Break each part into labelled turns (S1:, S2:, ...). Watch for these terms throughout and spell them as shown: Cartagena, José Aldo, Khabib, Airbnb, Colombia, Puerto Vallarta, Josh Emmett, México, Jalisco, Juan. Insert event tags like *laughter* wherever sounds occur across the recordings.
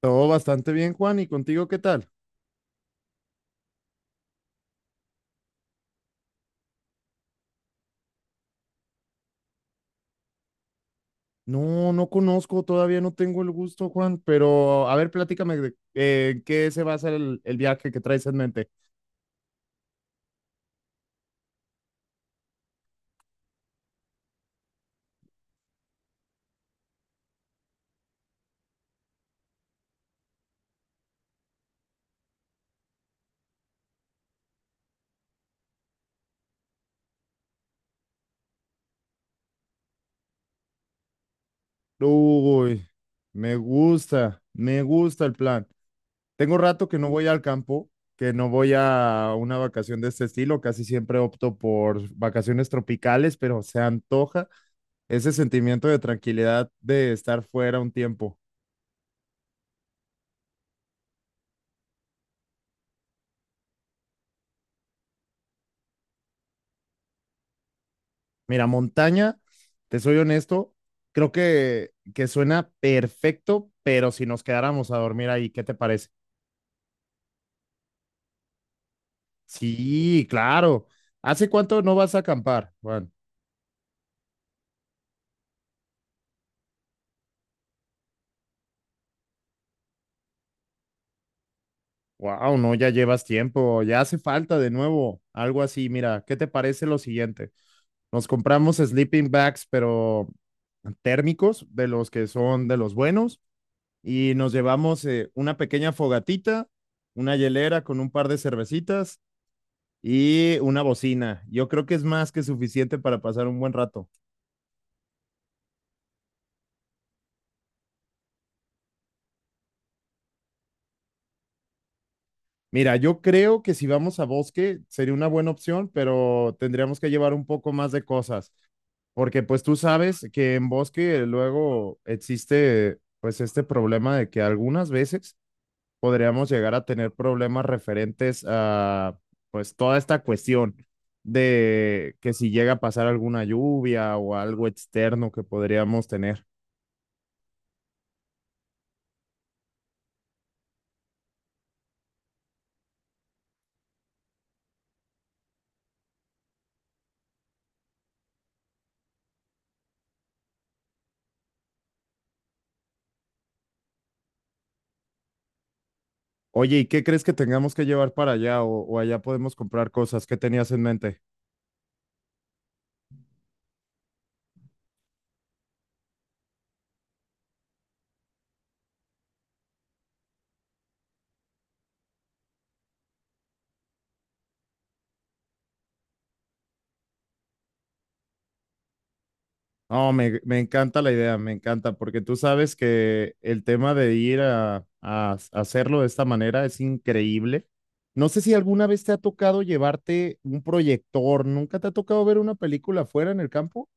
S1: Todo bastante bien, Juan. ¿Y contigo qué tal? No, no conozco, todavía no tengo el gusto, Juan, pero a ver, platícame de en qué se basa el viaje que traes en mente. Uy, me gusta el plan. Tengo rato que no voy al campo, que no voy a una vacación de este estilo, casi siempre opto por vacaciones tropicales, pero se antoja ese sentimiento de tranquilidad de estar fuera un tiempo. Mira, montaña, te soy honesto, creo que suena perfecto, pero si nos quedáramos a dormir ahí, ¿qué te parece? Sí, claro. ¿Hace cuánto no vas a acampar, Juan? Wow, no, ya llevas tiempo, ya hace falta de nuevo, algo así. Mira, ¿qué te parece lo siguiente? Nos compramos sleeping bags, pero térmicos, de los que son de los buenos, y nos llevamos una pequeña fogatita, una hielera con un par de cervecitas y una bocina. Yo creo que es más que suficiente para pasar un buen rato. Mira, yo creo que si vamos a bosque sería una buena opción, pero tendríamos que llevar un poco más de cosas, porque pues tú sabes que en bosque luego existe pues este problema de que algunas veces podríamos llegar a tener problemas referentes a pues toda esta cuestión de que si llega a pasar alguna lluvia o algo externo que podríamos tener. Oye, ¿y qué crees que tengamos que llevar para allá o allá podemos comprar cosas? ¿Qué tenías en mente? No, me encanta la idea, me encanta, porque tú sabes que el tema de ir a hacerlo de esta manera es increíble. No sé si alguna vez te ha tocado llevarte un proyector, ¿nunca te ha tocado ver una película afuera en el campo?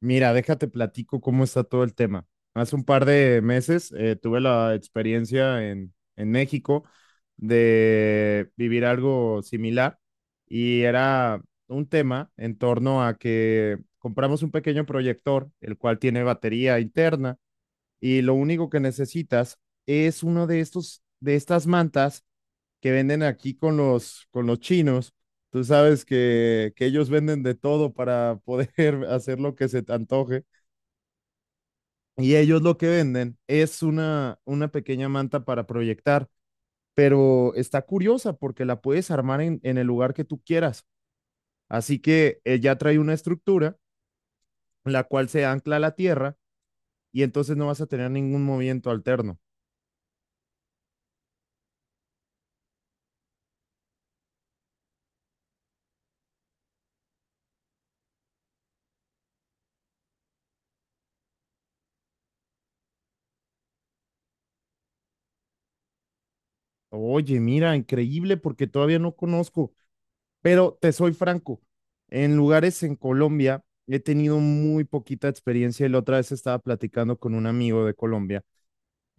S1: Mira, déjate platico cómo está todo el tema. Hace un par de meses tuve la experiencia en México de vivir algo similar y era un tema en torno a que compramos un pequeño proyector, el cual tiene batería interna y lo único que necesitas es uno de estos, de estas mantas que venden aquí con los chinos. Tú sabes que ellos venden de todo para poder *laughs* hacer lo que se te antoje. Y ellos lo que venden es una pequeña manta para proyectar, pero está curiosa porque la puedes armar en el lugar que tú quieras. Así que ya trae una estructura, la cual se ancla a la tierra y entonces no vas a tener ningún movimiento alterno. Oye, mira, increíble porque todavía no conozco, pero te soy franco, en lugares en Colombia he tenido muy poquita experiencia y la otra vez estaba platicando con un amigo de Colombia.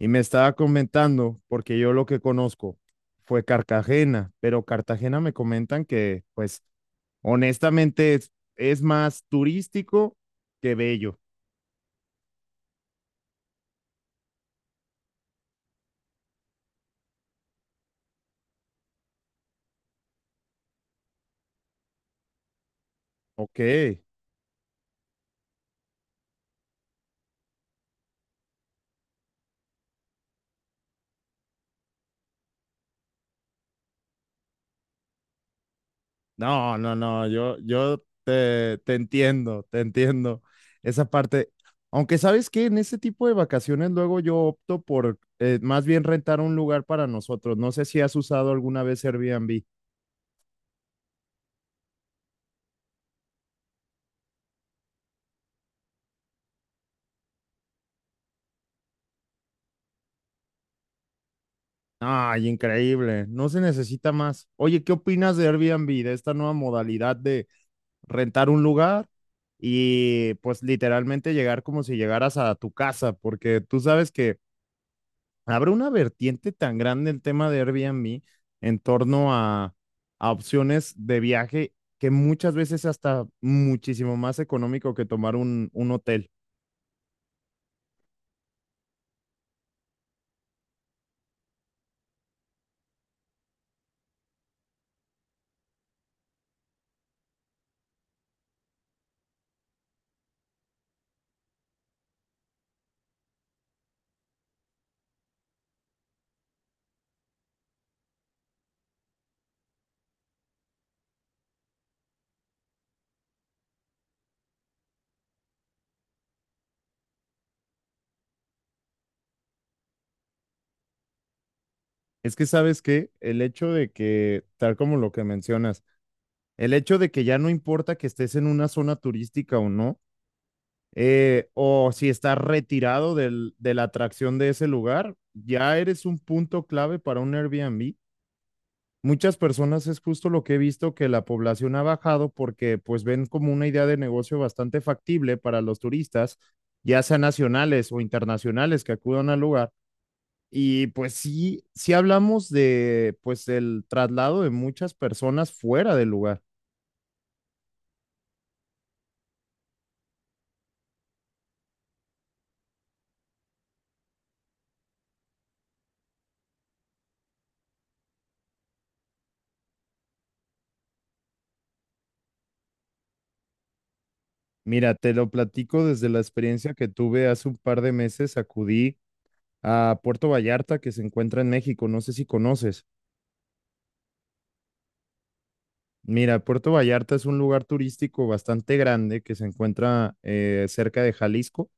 S1: Y me estaba comentando, porque yo lo que conozco fue Cartagena, pero Cartagena me comentan que, pues, honestamente es más turístico que bello. Ok. No, no, no, yo te, te entiendo, te entiendo. Esa parte, aunque sabes que en ese tipo de vacaciones luego yo opto por más bien rentar un lugar para nosotros. No sé si has usado alguna vez Airbnb. Ay, increíble. No se necesita más. Oye, ¿qué opinas de Airbnb, de esta nueva modalidad de rentar un lugar y pues literalmente llegar como si llegaras a tu casa? Porque tú sabes que abre una vertiente tan grande el tema de Airbnb en torno a opciones de viaje que muchas veces es hasta muchísimo más económico que tomar un hotel. Es que sabes que el hecho de que, tal como lo que mencionas, el hecho de que ya no importa que estés en una zona turística o no, o si estás retirado del- de la atracción de ese lugar, ya eres un punto clave para un Airbnb. Muchas personas es justo lo que he visto que la población ha bajado porque pues ven como una idea de negocio bastante factible para los turistas, ya sean nacionales o internacionales que acudan al lugar. Y pues sí, sí hablamos de pues del traslado de muchas personas fuera del lugar. Mira, te lo platico desde la experiencia que tuve hace un par de meses. Acudí a Puerto Vallarta, que se encuentra en México. No sé si conoces. Mira, Puerto Vallarta es un lugar turístico bastante grande que se encuentra cerca de Jalisco.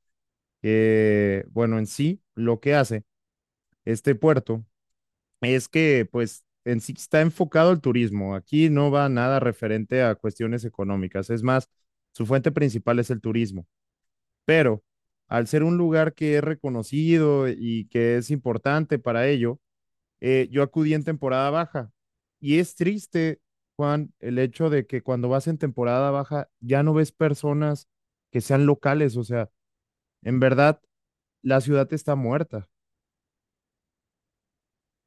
S1: Bueno, en sí, lo que hace este puerto es que, pues, en sí está enfocado al turismo. Aquí no va nada referente a cuestiones económicas. Es más, su fuente principal es el turismo. Pero al ser un lugar que es reconocido y que es importante para ello, yo acudí en temporada baja. Y es triste, Juan, el hecho de que cuando vas en temporada baja ya no ves personas que sean locales. O sea, en verdad, la ciudad está muerta.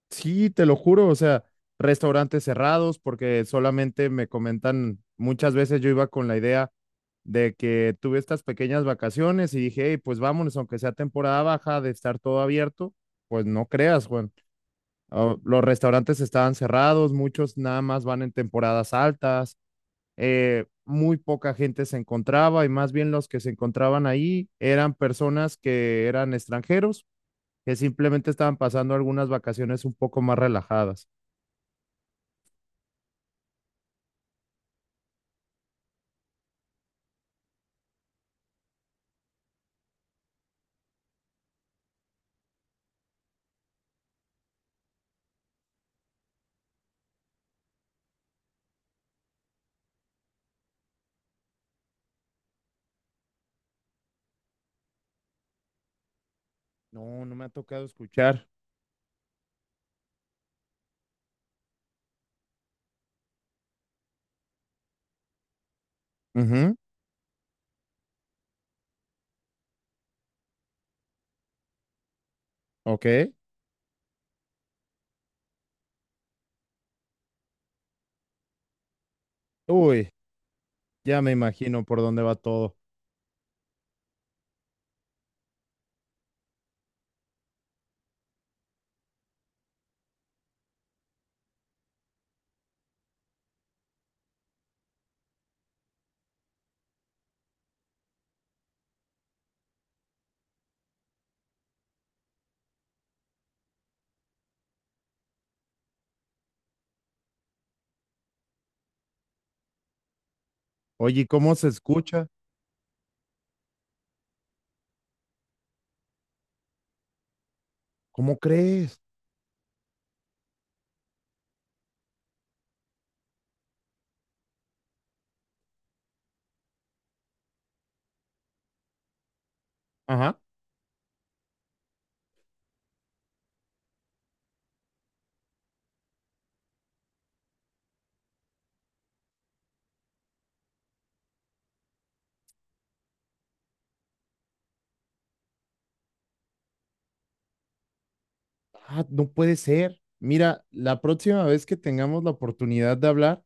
S1: Sí, te lo juro, o sea, restaurantes cerrados, porque solamente me comentan, muchas veces yo iba con la idea de que tuve estas pequeñas vacaciones y dije, hey, pues vámonos, aunque sea temporada baja de estar todo abierto, pues no creas, Juan. Los restaurantes estaban cerrados, muchos nada más van en temporadas altas, muy poca gente se encontraba y más bien los que se encontraban ahí eran personas que eran extranjeros, que simplemente estaban pasando algunas vacaciones un poco más relajadas. No, no me ha tocado escuchar. Ujú. Ok. Uy, ya me imagino por dónde va todo. Oye, ¿y cómo se escucha? ¿Cómo crees? Ajá. Ah, no puede ser. Mira, la próxima vez que tengamos la oportunidad de hablar,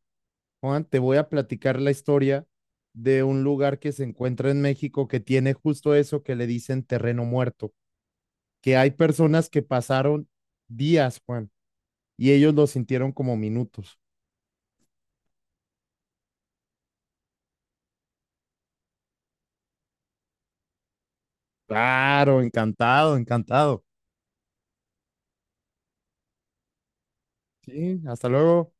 S1: Juan, te voy a platicar la historia de un lugar que se encuentra en México que tiene justo eso que le dicen terreno muerto, que hay personas que pasaron días, Juan, y ellos lo sintieron como minutos. Claro, encantado, encantado. Sí, hasta luego.